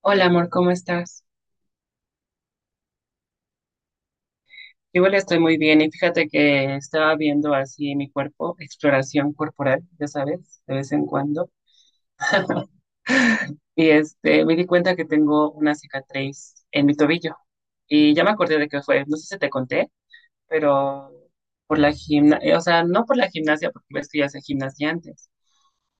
Hola amor, ¿cómo estás? Yo igual estoy muy bien y fíjate que estaba viendo así mi cuerpo, exploración corporal, ya sabes, de vez en cuando, me di cuenta que tengo una cicatriz en mi tobillo y ya me acordé de qué fue, no sé si te conté, pero por la gimnasia, o sea, no por la gimnasia porque ves que yo hacía gimnasia antes,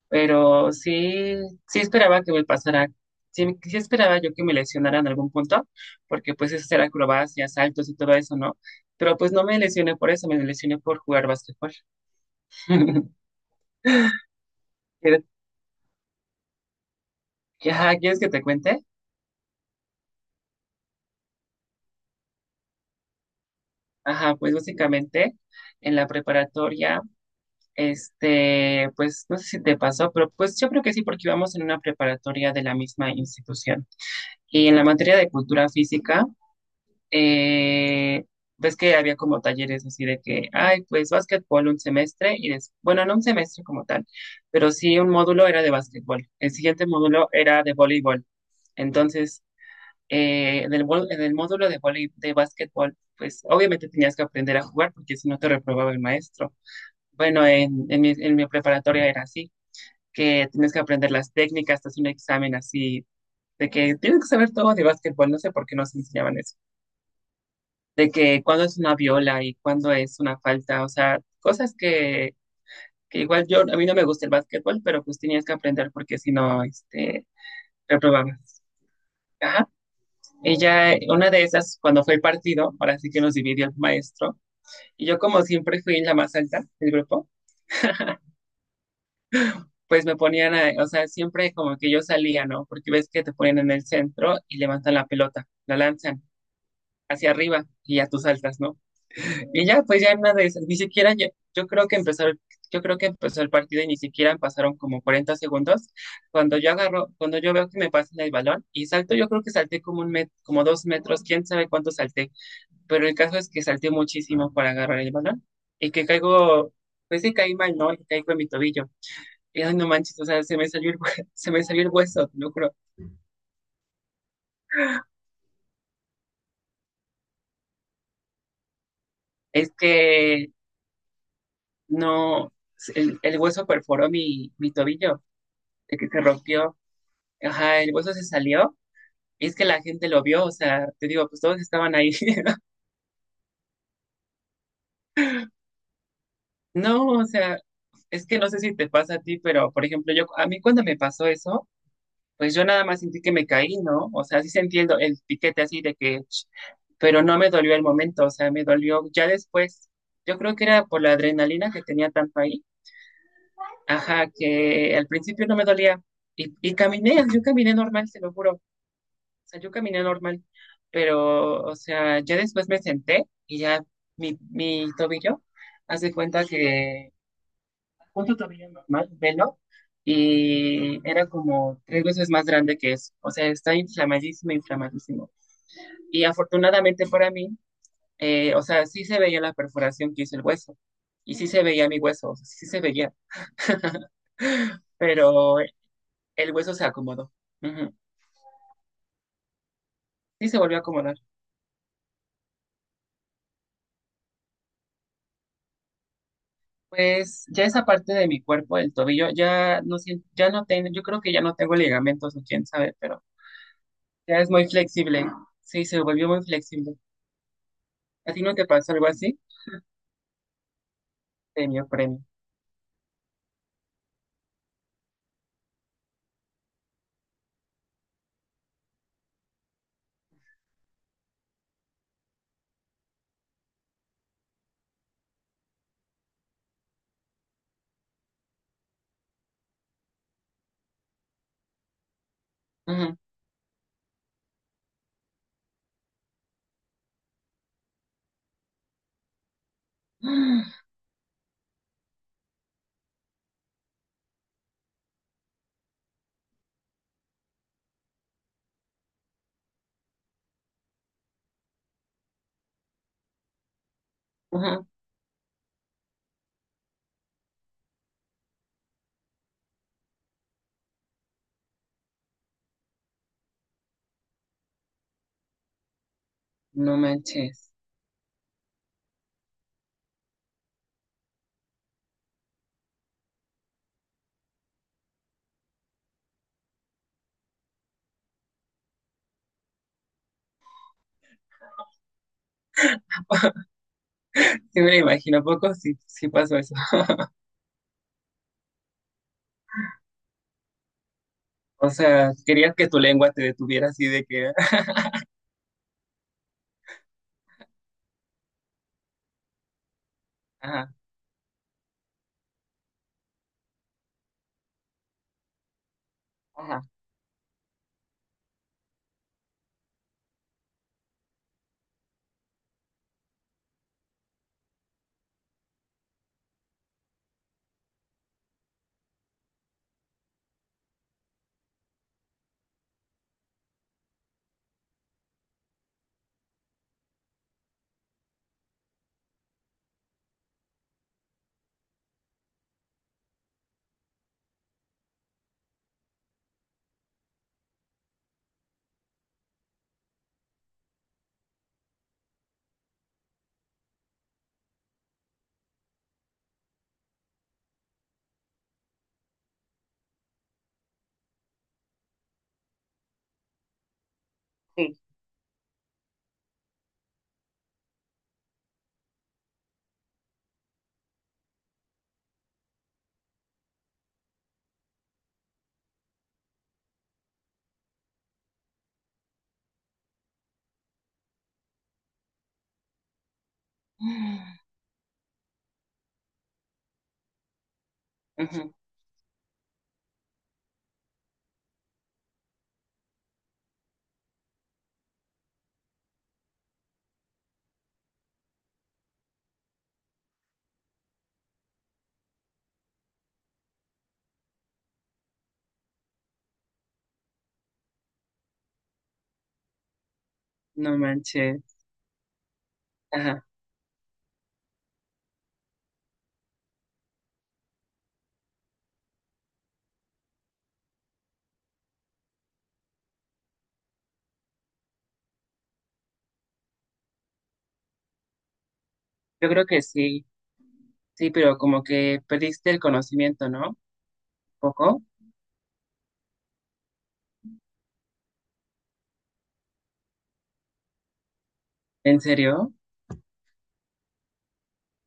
pero sí, sí esperaba que me pasara, sí, sí esperaba yo que me lesionara en algún punto, porque pues es hacer acrobacias, saltos y todo eso, ¿no? Pero pues no me lesioné por eso, me lesioné por jugar básquetbol. ¿Quieres ajá, ¿quieres que te cuente? Ajá, pues básicamente en la preparatoria, pues no sé si te pasó, pero pues yo creo que sí, porque íbamos en una preparatoria de la misma institución. Y en la materia de cultura física, eh, ves que había como talleres así de que, ay, pues básquetbol un semestre y bueno, no un semestre como tal, pero sí un módulo era de básquetbol. El siguiente módulo era de voleibol. Entonces, en en el módulo de de básquetbol, pues obviamente tenías que aprender a jugar porque si no te reprobaba el maestro. Bueno, en mi preparatoria era así, que tienes que aprender las técnicas, te haces un examen así, de que tienes que saber todo de básquetbol, no sé por qué nos enseñaban eso de que cuándo es una viola y cuándo es una falta, o sea, cosas que igual yo, a mí no me gusta el básquetbol, pero pues tenías que aprender porque si no, reprobabas. Ajá. Ella, una de esas, cuando fue el partido, ahora sí que nos dividió el maestro, y yo como siempre fui la más alta del grupo, pues me ponían, o sea, siempre como que yo salía, ¿no? Porque ves que te ponen en el centro y levantan la pelota, la lanzan hacia arriba y ya tú saltas, ¿no? Y ya, pues ya en una de esas, ni siquiera yo, yo creo que empezó el, yo creo que empezó el partido y ni siquiera pasaron como 40 segundos. Cuando yo agarro, cuando yo veo que me pasan el balón y salto, yo creo que salté como como 2 metros, quién sabe cuánto salté, pero el caso es que salté muchísimo para agarrar el balón y que caigo, pues sí caí mal, ¿no? Y caigo en mi tobillo. Y ay, no manches, o sea, se me salió se me salió el hueso, te lo juro. Es que no, el hueso perforó mi tobillo, de que se rompió. Ajá, el hueso se salió y es que la gente lo vio, o sea, te digo, pues todos estaban ahí. No, o sea, es que no sé si te pasa a ti, pero por ejemplo, yo, a mí cuando me pasó eso, pues yo nada más sentí que me caí, ¿no? O sea, sí sentí el piquete así de que, pero no me dolió el momento, o sea, me dolió ya después. Yo creo que era por la adrenalina que tenía tanto ahí. Ajá, que al principio no me dolía. Y caminé, yo caminé normal, se lo juro. O sea, yo caminé normal, pero, o sea, ya después me senté y ya mi tobillo hace cuenta que punto tobillo normal, velo, y era como tres veces más grande que eso. O sea, está inflamadísimo, inflamadísimo. Y afortunadamente para mí, o sea, sí se veía la perforación que hizo el hueso y sí se veía mi hueso, o sea, sí se veía, pero el hueso se acomodó. Ujú. Sí se volvió a acomodar. Pues ya esa parte de mi cuerpo, el tobillo, ya no siento, ya no tengo, yo creo que ya no tengo ligamentos o quién sabe, pero ya es muy flexible. Sí, se volvió muy flexible. ¿A ti no te pasó algo así? Premio, premio. Ajá. Ajá. No manches. Sí me lo imagino, ¿a poco sí, sí pasó eso? O sea, querías que tu lengua te detuviera así de que... Ajá, ajá, sí. Ujú. No manches. Ajá. Yo creo que sí. Sí, pero como que perdiste el conocimiento, ¿no? Un poco. ¿En serio?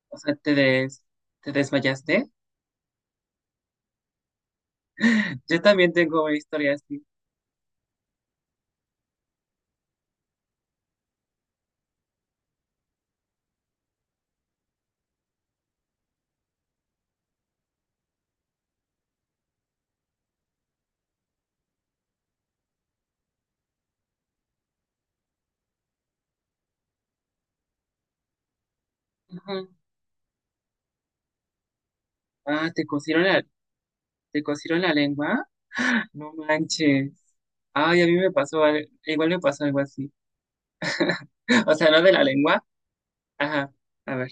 O sea, te des, te desmayaste. Yo también tengo una historia así. Ajá. Ah, te cosieron la lengua. No manches. Ay, a mí me pasó, igual me pasó algo así. O sea, no de la lengua. Ajá. A ver.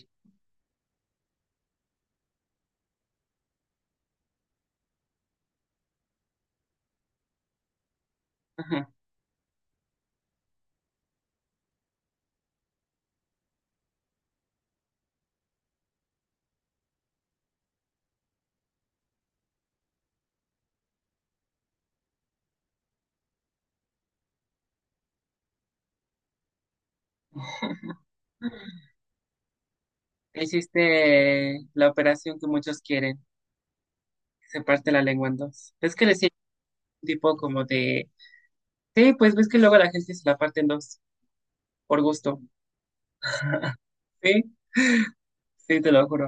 Ajá. Hiciste la operación que muchos quieren, que se parte la lengua en dos. ¿Ves que le hicieron un tipo como de...? Sí, pues ves que luego la gente se la parte en dos, por gusto. Sí, sí, te lo juro.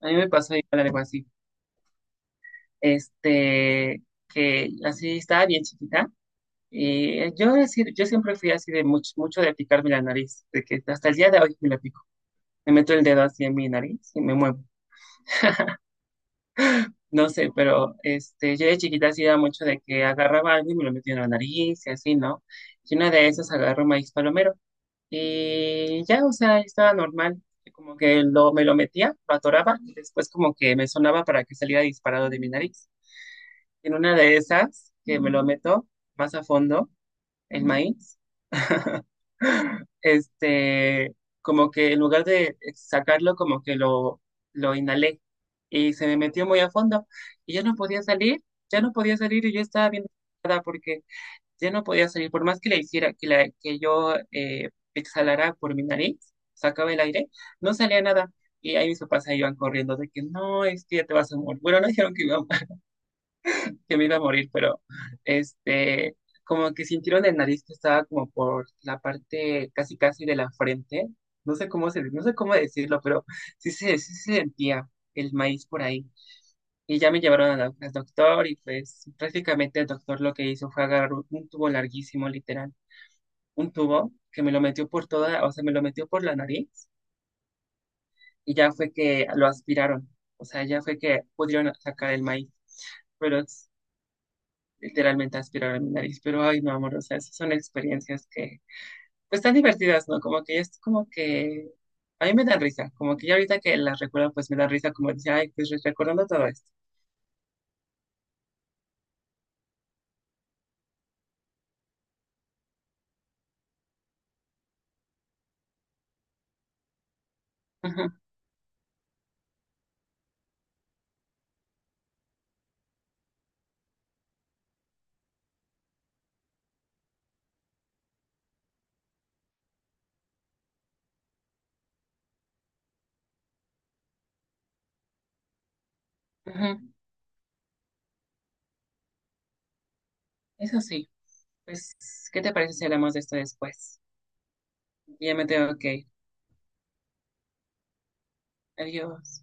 A mí me pasó igual algo así. este, que así estaba bien chiquita. Y yo, yo siempre fui así de mucho, mucho de picarme la nariz, de que hasta el día de hoy me la pico. Me meto el dedo así en mi nariz y me muevo. No sé, pero yo de chiquita hacía mucho de que agarraba algo y me lo metía en la nariz y así, ¿no? Y una de esas agarró maíz palomero. Y ya, o sea, yo estaba normal. Como que me lo metía, lo atoraba y después como que me sonaba para que saliera disparado de mi nariz. En una de esas, que me lo meto más a fondo, el maíz, este, como que en lugar de sacarlo, como que lo inhalé y se me metió muy a fondo y ya no podía salir, ya no podía salir y yo estaba bien preocupada porque ya no podía salir, por más que le hiciera, que yo exhalara por mi nariz, sacaba el aire, no salía nada. Y ahí mis papás se iban corriendo de que no, es que ya te vas a morir. Bueno, no dijeron que iba que me iba a morir, pero este, como que sintieron el nariz que estaba como por la parte casi casi de la frente. No sé cómo se, no sé cómo decirlo, pero sí se sentía el maíz por ahí. Y ya me llevaron a al doctor y pues prácticamente el doctor lo que hizo fue agarrar un tubo larguísimo, literal, un tubo que me lo metió por toda, o sea, me lo metió por la nariz y ya fue que lo aspiraron. O sea, ya fue que pudieron sacar el maíz, pero literalmente aspirar a mi nariz, pero ay, no, amor, o sea, esas son experiencias que, pues, tan divertidas, ¿no? Como que es como que, a mí me dan risa, como que ya ahorita que las recuerdo, pues me dan risa, como dice, ay, pues recordando todo esto. Ajá, ajá. Eso sí, pues, ¿qué te parece si hablamos de esto después? Ya me tengo que ir. Adiós.